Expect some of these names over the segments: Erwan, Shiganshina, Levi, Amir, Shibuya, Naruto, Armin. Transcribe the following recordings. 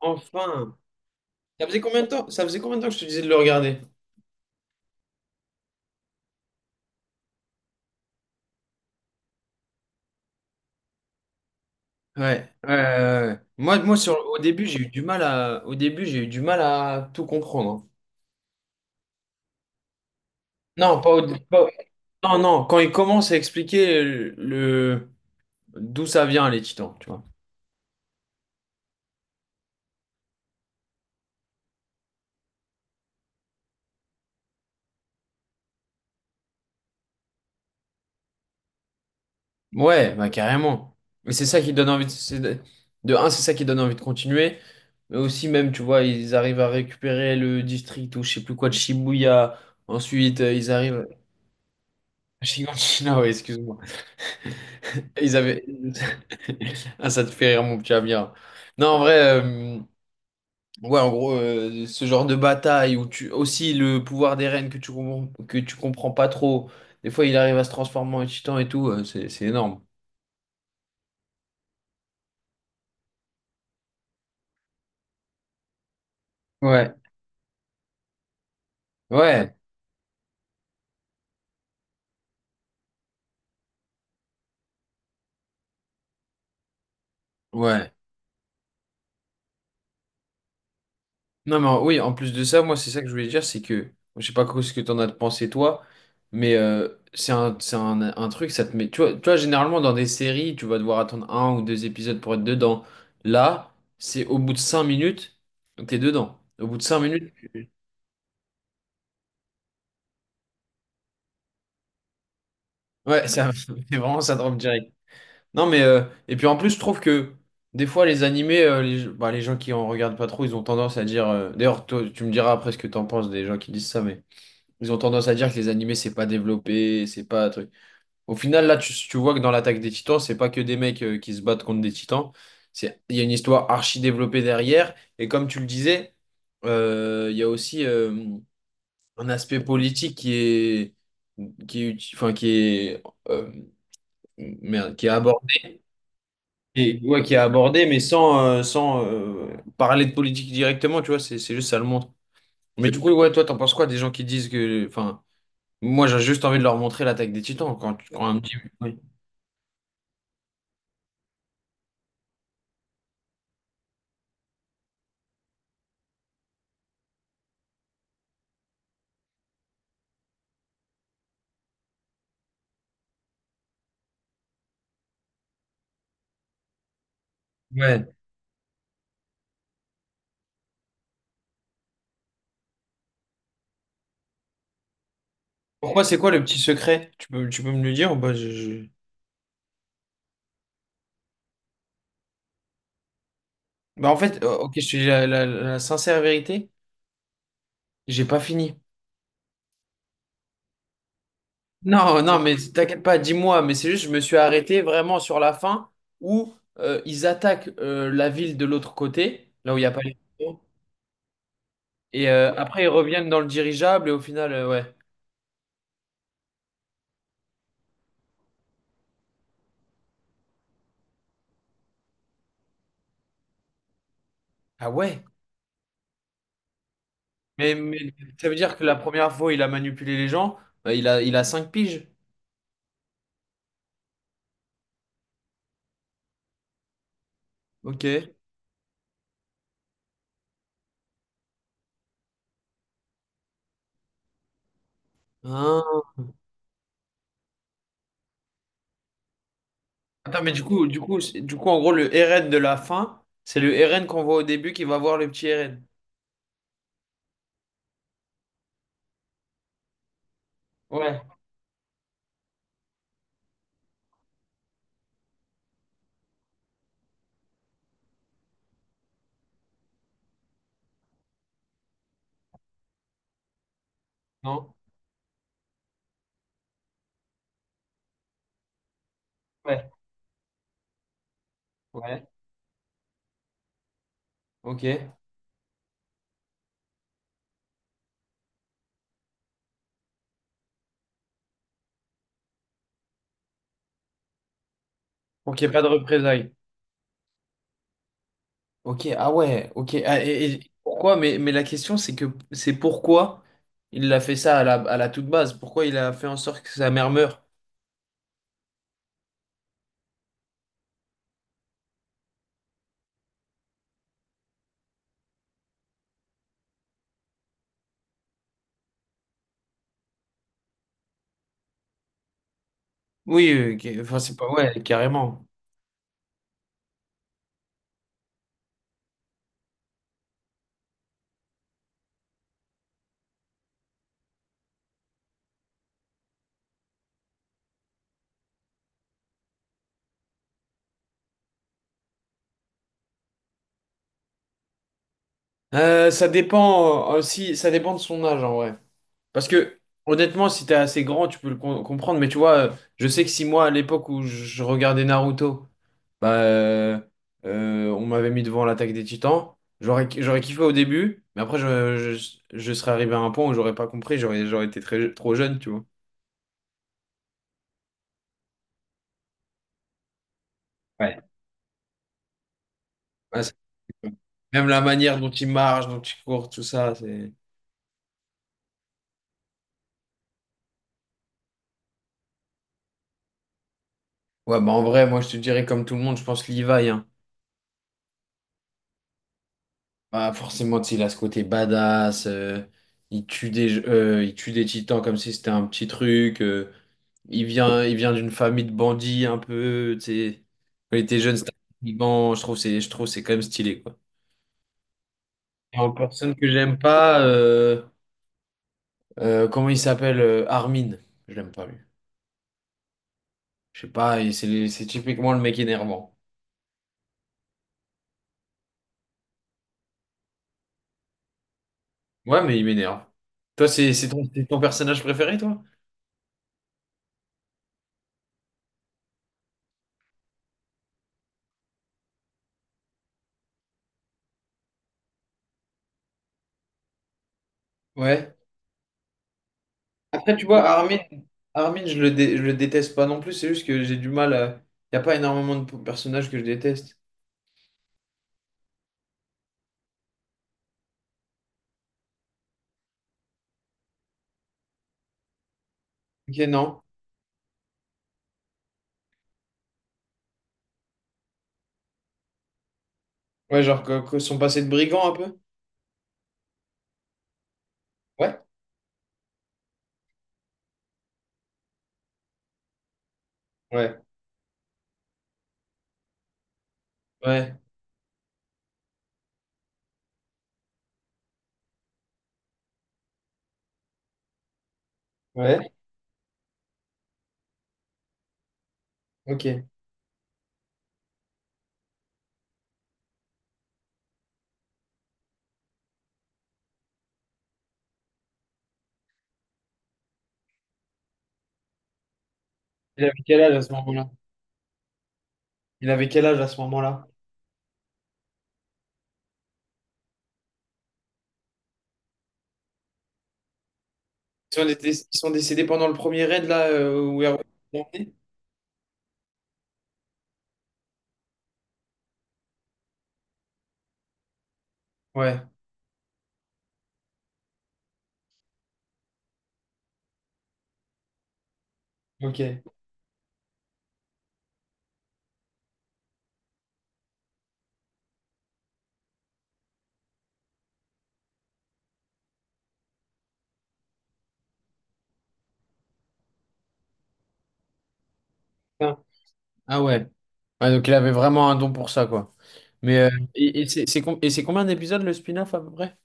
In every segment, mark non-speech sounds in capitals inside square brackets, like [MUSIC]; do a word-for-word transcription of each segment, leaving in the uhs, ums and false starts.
Enfin, ça faisait combien de temps? Ça faisait combien de temps que je te disais de le regarder? Ouais, ouais, ouais, ouais. Moi, moi sur, au début, j'ai eu du mal à, au début, j'ai eu du mal à tout comprendre, hein. Non, pas au, pas- non, non, quand il commence à expliquer le, le- d'où ça vient, les titans, tu vois. Ouais, bah carrément. Mais c'est ça qui donne envie de, c'est de, de un, c'est ça qui donne envie de continuer. Mais aussi même, tu vois, ils arrivent à récupérer le district ou je sais plus quoi de Shibuya. Ensuite, euh, ils arrivent à Shiganshina, [LAUGHS] ouais, excuse-moi. Ils avaient. [LAUGHS] Ah, ça te fait rire, mon petit Amir. Non, en vrai, euh, ouais, en gros, euh, ce genre de bataille où tu. Aussi, le pouvoir des reines que tu comprends, que tu comprends pas trop. Des fois, il arrive à se transformer en titan et tout. euh, c'est c'est énorme. Ouais, ouais, ouais. Non, mais en- oui, en plus de ça, moi, c'est ça que je voulais dire, c'est que, je sais pas quoi ce que t'en as pensé, toi, mais euh, c'est un, c'est un, un truc, ça te met. Tu vois, tu vois, généralement, dans des séries, tu vas devoir attendre un ou deux épisodes pour être dedans. Là, c'est au bout de cinq minutes, t'es dedans. Au bout de cinq minutes, ouais, ça, [LAUGHS] c'est vraiment, ça drop direct. Non, mais. Euh, et puis, en plus, je trouve que, des fois, les animés, euh, les, bah, les gens qui en regardent pas trop, ils ont tendance à dire. euh, D'ailleurs, toi, tu me diras après ce que t'en penses des gens qui disent ça, mais. Ils ont tendance à dire que les animés, c'est pas développé, c'est pas un truc. Au final, là, tu, tu vois que dans l'attaque des Titans, c'est pas que des mecs euh, qui se battent contre des Titans. C'est, il y a une histoire archi développée derrière. Et comme tu le disais, euh, il y a aussi euh, un aspect politique qui est, qui est, uti- enfin, qui est, euh, merde, qui est abordé, et- ouais, qui est abordé, mais sans, euh, sans euh, parler de politique directement, tu vois, c'est c'est juste ça le montre. Mais du coup, ouais, toi, t'en penses quoi des gens qui disent que, enfin, moi, j'ai juste envie de leur montrer l'attaque des Titans quand, quand un petit. Oui. Ouais. Pourquoi, c'est quoi le petit secret? Tu peux, tu peux me le dire, ou pas? Je- je- Bah, en fait, euh, ok, je te dis la, la- la sincère vérité, j'ai pas fini. Non, non, mais t'inquiète pas, dis-moi, mais c'est juste, je me suis arrêté vraiment sur la fin où euh, ils attaquent euh, la ville de l'autre côté, là où il n'y a pas les Titans, et euh, après ils reviennent dans le dirigeable et au final, euh, ouais. Ah ouais? Mais, mais ça veut dire que la première fois, il a manipulé les gens, bah, il a, il a cinq piges. Ok. Ah. Attends, mais du coup, du coup, c'est- du coup, en gros, le R N de la fin, c'est le R N qu'on voit au début qui va voir le petit R N. Ouais, non? Ouais, ouais. Ok. Ok, pas de représailles. Ok, ah ouais, ok. Ah, et, et pourquoi? Mais, mais la question, c'est que c'est pourquoi il a fait ça à la, à la toute base? Pourquoi il a fait en sorte que sa mère meure? Oui, euh, ok, enfin, c'est pas, ouais, carrément. Euh, ça dépend euh, aussi, ça dépend de son âge en vrai. Parce que honnêtement, si t'es assez grand, tu peux le com- comprendre. Mais tu vois, euh, je sais que si moi, à l'époque où je regardais Naruto, bah, euh, euh, on m'avait mis devant l'attaque des Titans, j'aurais j'aurais kiffé au début, mais après, je, je, je serais arrivé à un point où j'aurais pas compris, j'aurais j'aurais été très, trop jeune, tu vois. Ouais. Ah, c'est- même la manière dont il marche, dont il court, tout ça, c'est. Ouais, bah en vrai, moi, je te dirais comme tout le monde, je pense Levi, hein. Bah, forcément, tu sais, il a ce côté badass, euh, il tue des, euh, il tue des titans comme si c'était un petit truc, euh, il vient, il vient d'une famille de bandits un peu, tu sais. Quand il était jeune, c'était un Liban, je trouve c'est, je trouve c'est quand même stylé, quoi. Et en personne que j'aime pas, euh, euh, comment il s'appelle, euh, Armin, je l'aime pas lui. Je sais pas, il- c'est c'est typiquement le mec énervant. Ouais, mais il m'énerve. Toi, c'est c'est ton, c'est ton personnage préféré, toi? Ouais. Après, tu vois, Armin, Armin, je le, dé- je le déteste pas non plus, c'est juste que j'ai du mal à. Il a pas énormément de p- personnages que je déteste. Ok, non. Ouais, genre que, que son passé de brigand un peu? Ouais, ouais, ouais, ouais. Ok. Il avait quel âge à ce moment-là? Il avait quel âge à ce moment-là? Ils sont, dé- ils sont décédés pendant le premier raid, là, euh, où Erwan est emmené. Ouais, ok. Putain. Ah ouais. Ouais, donc il avait vraiment un don pour ça, quoi. Mais euh, et, et c'est c'est com- et c'est combien d'épisodes le spin-off à peu près?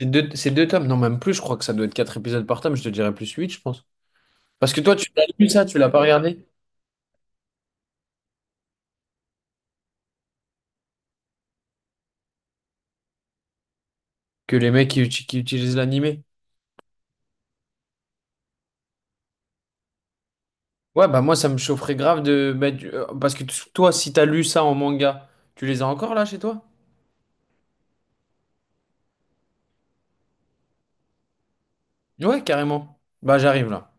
C'est deux, c'est deux tomes, non, même plus, je crois que ça doit être quatre épisodes par tome, je te dirais plus huit, je pense. Parce que toi, tu l'as lu ça, tu l'as pas regardé? Que les mecs qui, uti- qui utilisent l'animé. Ouais, bah moi, ça me chaufferait grave de mettre. euh, Parce que t- toi, si t'as lu ça en manga, tu les as encore là chez toi? Ouais, carrément. Bah, j'arrive là.